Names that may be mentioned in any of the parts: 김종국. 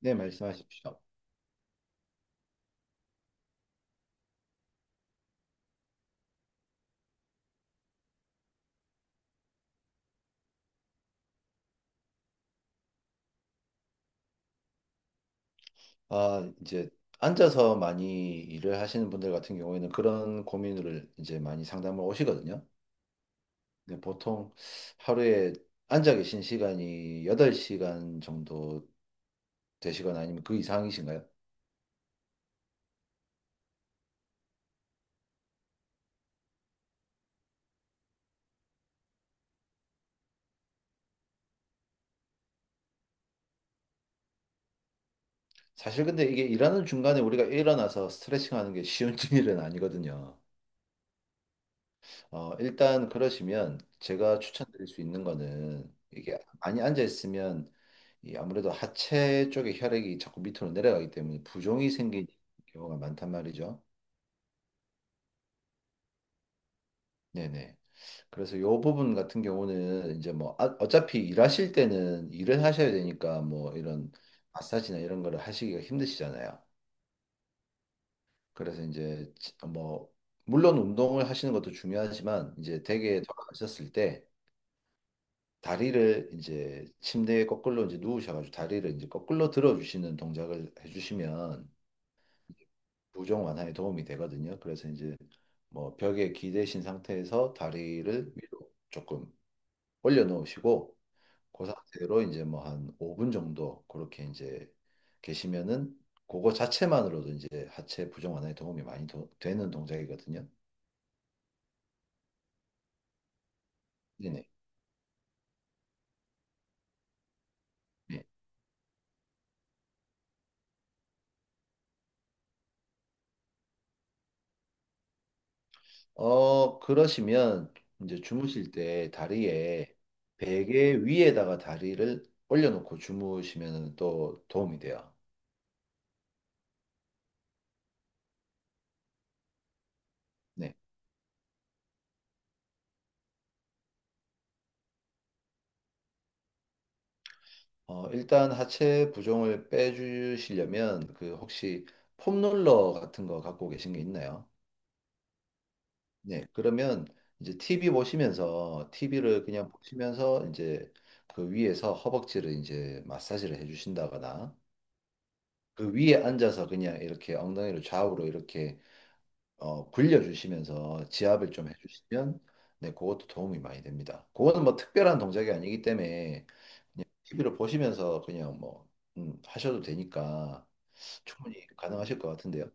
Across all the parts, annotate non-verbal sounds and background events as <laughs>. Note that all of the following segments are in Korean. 네, 말씀하십시오. 아, 이제 앉아서 많이 일을 하시는 분들 같은 경우에는 그런 고민을 이제 많이 상담을 오시거든요. 근데 보통 하루에 앉아 계신 시간이 8시간 정도 되시거나 아니면 그 이상이신가요? 사실 근데 이게 일하는 중간에 우리가 일어나서 스트레칭 하는 게 쉬운 <laughs> 일은 아니거든요. 일단 그러시면 제가 추천드릴 수 있는 거는 이게 많이 앉아 있으면 이 아무래도 하체 쪽에 혈액이 자꾸 밑으로 내려가기 때문에 부종이 생기는 경우가 많단 말이죠. 네네. 그래서 요 부분 같은 경우는 이제 뭐 어차피 일하실 때는 일을 하셔야 되니까 뭐 이런 마사지나 이런 거를 하시기가 힘드시잖아요. 그래서 이제 뭐 물론 운동을 하시는 것도 중요하지만 이제 댁에 돌아가셨을 때 다리를 이제 침대에 거꾸로 이제 누우셔가지고 다리를 이제 거꾸로 들어주시는 동작을 해주시면 부종 완화에 도움이 되거든요. 그래서 이제 뭐 벽에 기대신 상태에서 다리를 위로 조금 올려놓으시고 그 상태로 이제 뭐 한 5분 정도 그렇게 이제 계시면은 그거 자체만으로도 이제 하체 부종 완화에 도움이 많이 되는 동작이거든요. 네네. 그러시면 이제 주무실 때 다리에 베개 위에다가 다리를 올려놓고 주무시면 또 도움이 돼요. 네. 일단 하체 부종을 빼주시려면 그 혹시 폼롤러 같은 거 갖고 계신 게 있나요? 네. 그러면 이제 TV 보시면서 TV를 그냥 보시면서 이제 그 위에서 허벅지를 이제 마사지를 해주신다거나 그 위에 앉아서 그냥 이렇게 엉덩이를 좌우로 이렇게 굴려주시면서 지압을 좀 해주시면 네, 그것도 도움이 많이 됩니다. 그거는 뭐 특별한 동작이 아니기 때문에 그냥 TV를 보시면서 그냥 뭐 하셔도 되니까 충분히 가능하실 것 같은데요.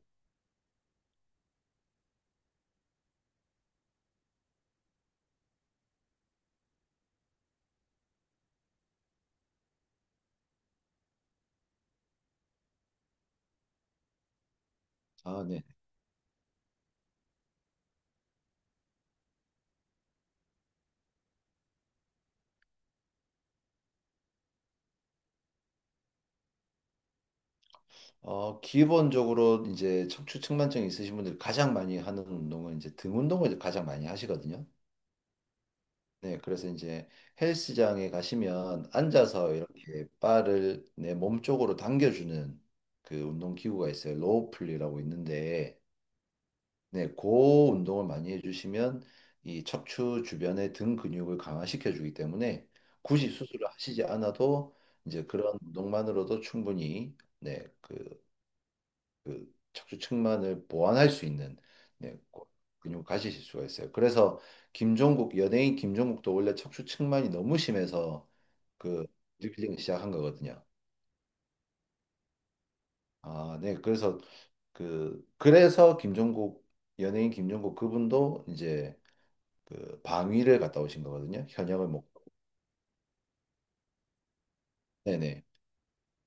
아, 네. 기본적으로 이제 척추 측만증이 있으신 분들이 가장 많이 하는 운동은 이제 등 운동을 가장 많이 하시거든요. 네, 그래서 이제 헬스장에 가시면 앉아서 이렇게 바를 내 몸 쪽으로 당겨주는 그 운동 기구가 있어요. 로우 플리라고 있는데, 네, 그 운동을 많이 해주시면 이 척추 주변의 등 근육을 강화시켜 주기 때문에 굳이 수술을 하시지 않아도 이제 그런 운동만으로도 충분히 네, 그 척추측만을 보완할 수 있는 네, 근육을 가지실 수가 있어요. 그래서 김종국 연예인 김종국도 원래 척추측만이 너무 심해서 그 보디빌딩을 시작한 거거든요. 아, 네. 그래서 김종국 연예인 김종국 그분도 이제 그 방위를 갔다 오신 거거든요. 현역을 못. 네네.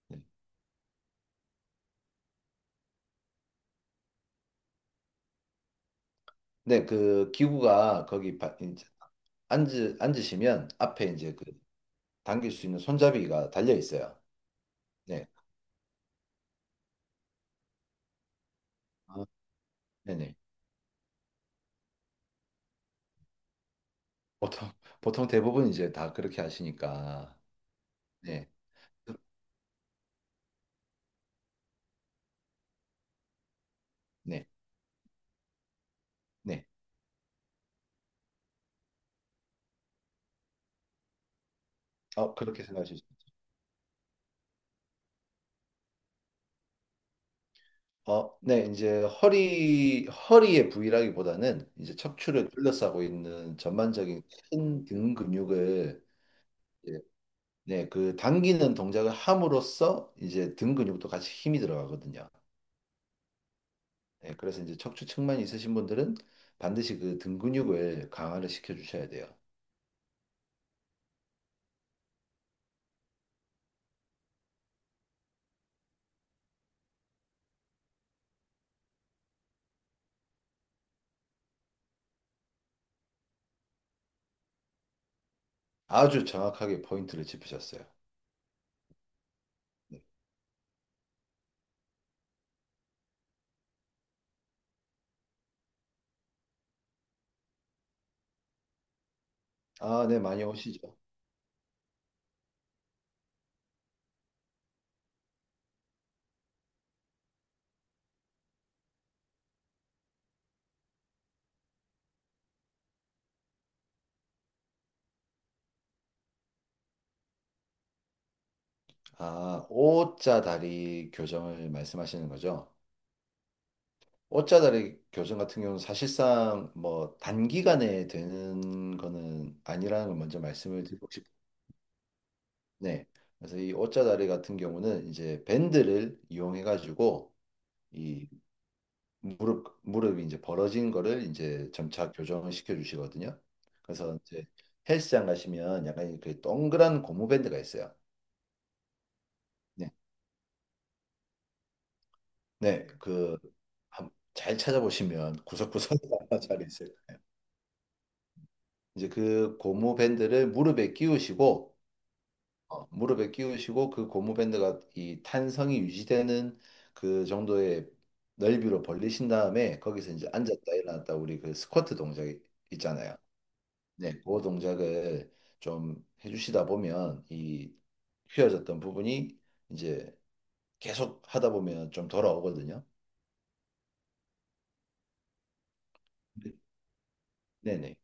네, 네, 그 기구가 거기 이제 앉으시면 앞에 이제 그 당길 수 있는 손잡이가 달려 있어요. 네. 아, 네네. 보통, 보통 대부분 이제 다 그렇게 하시니까. 네. 네. 네. 그렇게 생각하실 수 있죠. 어, 네. 이제 허리의 부위라기보다는 이제 척추를 둘러싸고 있는 전반적인 큰 등 근육을 이제, 네. 그 당기는 동작을 함으로써 이제 등 근육도 같이 힘이 들어가거든요. 네. 그래서 이제 척추 측만 있으신 분들은 반드시 그 등 근육을 강화를 시켜 주셔야 돼요. 아주 정확하게 포인트를 짚으셨어요. 네. 아, 네. 많이 오시죠. 아, O자 다리 교정을 말씀하시는 거죠? O자 다리 교정 같은 경우는 사실상 뭐 단기간에 되는 거는 아니라는 걸 먼저 말씀을 드리고 싶네. 그래서 이 O자 다리 같은 경우는 이제 밴드를 이용해 가지고 이 무릎이 이제 벌어진 거를 이제 점차 교정을 시켜 주시거든요. 그래서 이제 헬스장 가시면 약간 그 동그란 고무 밴드가 있어요. 네. 네, 그, 잘 찾아보시면 구석구석에 <laughs> 잘 있을 거예요. 이제 그 고무밴드를 무릎에 끼우시고 그 고무밴드가 이 탄성이 유지되는 그 정도의 넓이로 벌리신 다음에 거기서 이제 앉았다 일어났다 우리 그 스쿼트 동작 있잖아요. 네, 그 동작을 좀 해주시다 보면 이 휘어졌던 부분이 이제 계속 하다 보면 좀 돌아오거든요. 네, 네네.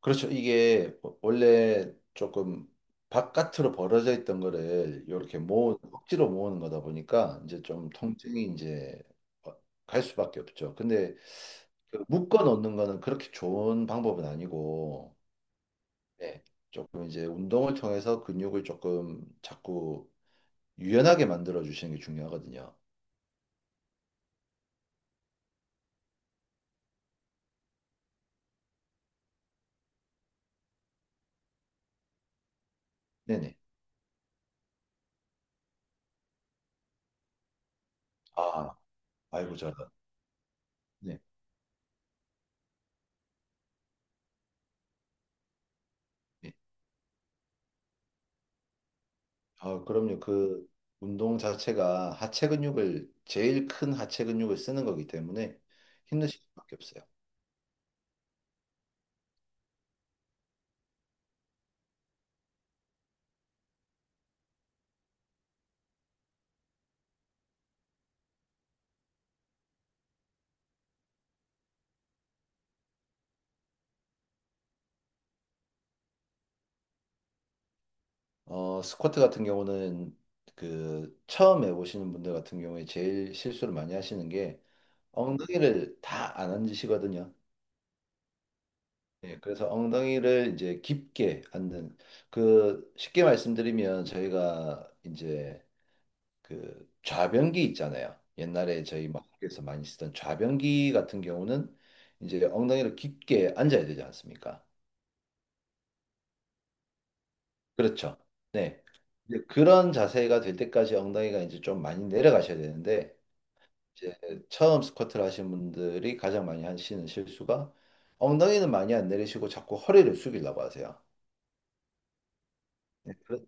그렇죠. 이게 원래 조금 바깥으로 벌어져 있던 거를 이렇게 억지로 모으는 거다 보니까 이제 좀 통증이 이제 어, 갈 수밖에 없죠. 근데 그 묶어 놓는 거는 그렇게 좋은 방법은 아니고, 네. 조금 이제 운동을 통해서 근육을 조금 자꾸 유연하게 만들어 주시는 게 중요하거든요. 네네. 아, 아이고, 잘한다. 네. 네. 아, 그럼요. 그 운동 자체가 하체 근육을 제일 큰 하체 근육을 쓰는 거기 때문에 힘드실 수밖에 없어요. 스쿼트 같은 경우는 그 처음 해보시는 분들 같은 경우에 제일 실수를 많이 하시는 게 엉덩이를 다 안 앉으시거든요. 예, 그래서 엉덩이를 이제 깊게 앉는 그 쉽게 말씀드리면 저희가 이제 그 좌변기 있잖아요. 옛날에 저희 막 학교에서 많이 쓰던 좌변기 같은 경우는 이제 엉덩이를 깊게 앉아야 되지 않습니까? 그렇죠. 네. 이제 그런 자세가 될 때까지 엉덩이가 이제 좀 많이 내려가셔야 되는데 이제 처음 스쿼트를 하신 분들이 가장 많이 하시는 실수가 엉덩이는 많이 안 내리시고 자꾸 허리를 숙이려고 하세요. 네,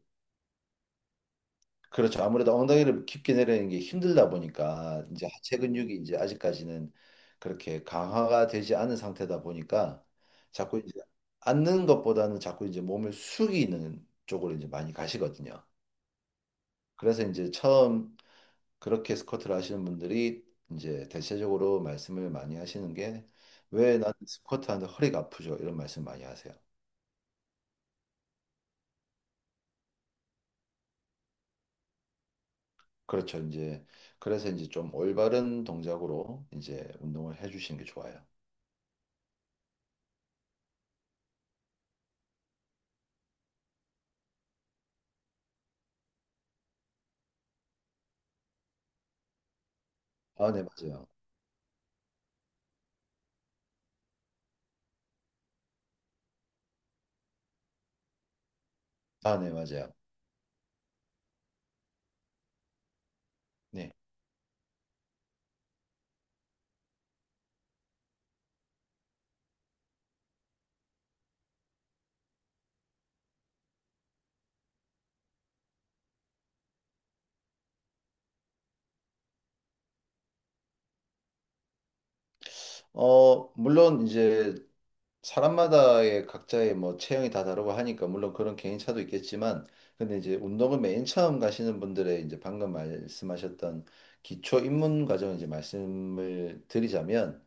그렇죠. 아무래도 엉덩이를 깊게 내리는 게 힘들다 보니까 이제 하체 근육이 이제 아직까지는 그렇게 강화가 되지 않은 상태다 보니까 자꾸 이제 앉는 것보다는 자꾸 이제 몸을 숙이는 쪽으로 이제 많이 가시거든요. 그래서 이제 처음 그렇게 스쿼트를 하시는 분들이 이제 대체적으로 말씀을 많이 하시는 게 왜 나는 스쿼트 하는데 허리가 아프죠? 이런 말씀 많이 하세요. 그렇죠. 이제 그래서 이제 좀 올바른 동작으로 이제 운동을 해주시는 게 좋아요. 아, 네, 맞아요. 아, 네, 맞아요. 네. 물론 이제 사람마다의 각자의 뭐 체형이 다 다르고 하니까 물론 그런 개인차도 있겠지만 근데 이제 운동을 맨 처음 가시는 분들의 이제 방금 말씀하셨던 기초 입문 과정 이제 말씀을 드리자면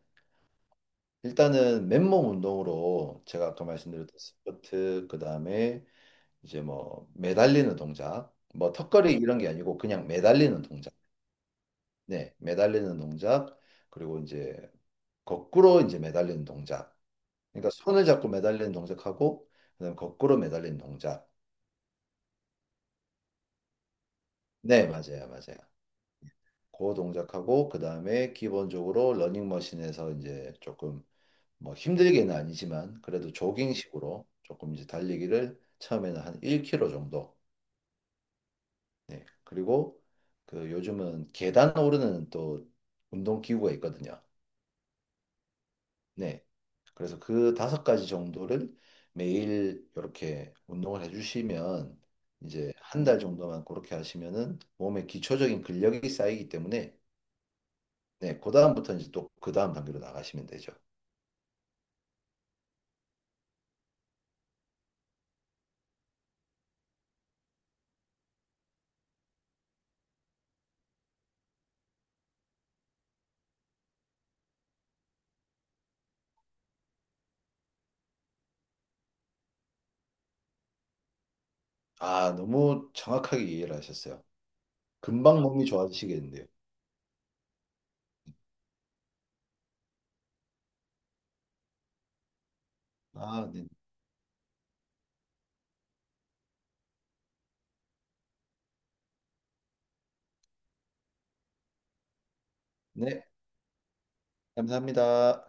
일단은 맨몸 운동으로 제가 아까 말씀드렸던 스쿼트 그다음에 이제 뭐 매달리는 동작 뭐 턱걸이 이런 게 아니고 그냥 매달리는 동작. 네, 매달리는 동작 그리고 이제 거꾸로 이제 매달리는 동작. 그러니까 손을 잡고 매달리는 동작하고 그다음에 거꾸로 매달리는 동작. 네, 맞아요, 맞아요. 그 동작하고 그다음에 기본적으로 러닝머신에서 이제 조금 뭐 힘들게는 아니지만 그래도 조깅식으로 조금 이제 달리기를 처음에는 한 1km 정도. 네. 그리고 그 요즘은 계단 오르는 또 운동 기구가 있거든요. 네. 그래서 그 다섯 가지 정도를 매일 이렇게 운동을 해주시면 이제 한 달 정도만 그렇게 하시면은 몸에 기초적인 근력이 쌓이기 때문에 네, 그 다음부터 이제 또 그 다음 단계로 나가시면 되죠. 아, 너무 정확하게 이해를 하셨어요. 금방 몸이 좋아지시겠는데요. 아, 네. 네, 감사합니다.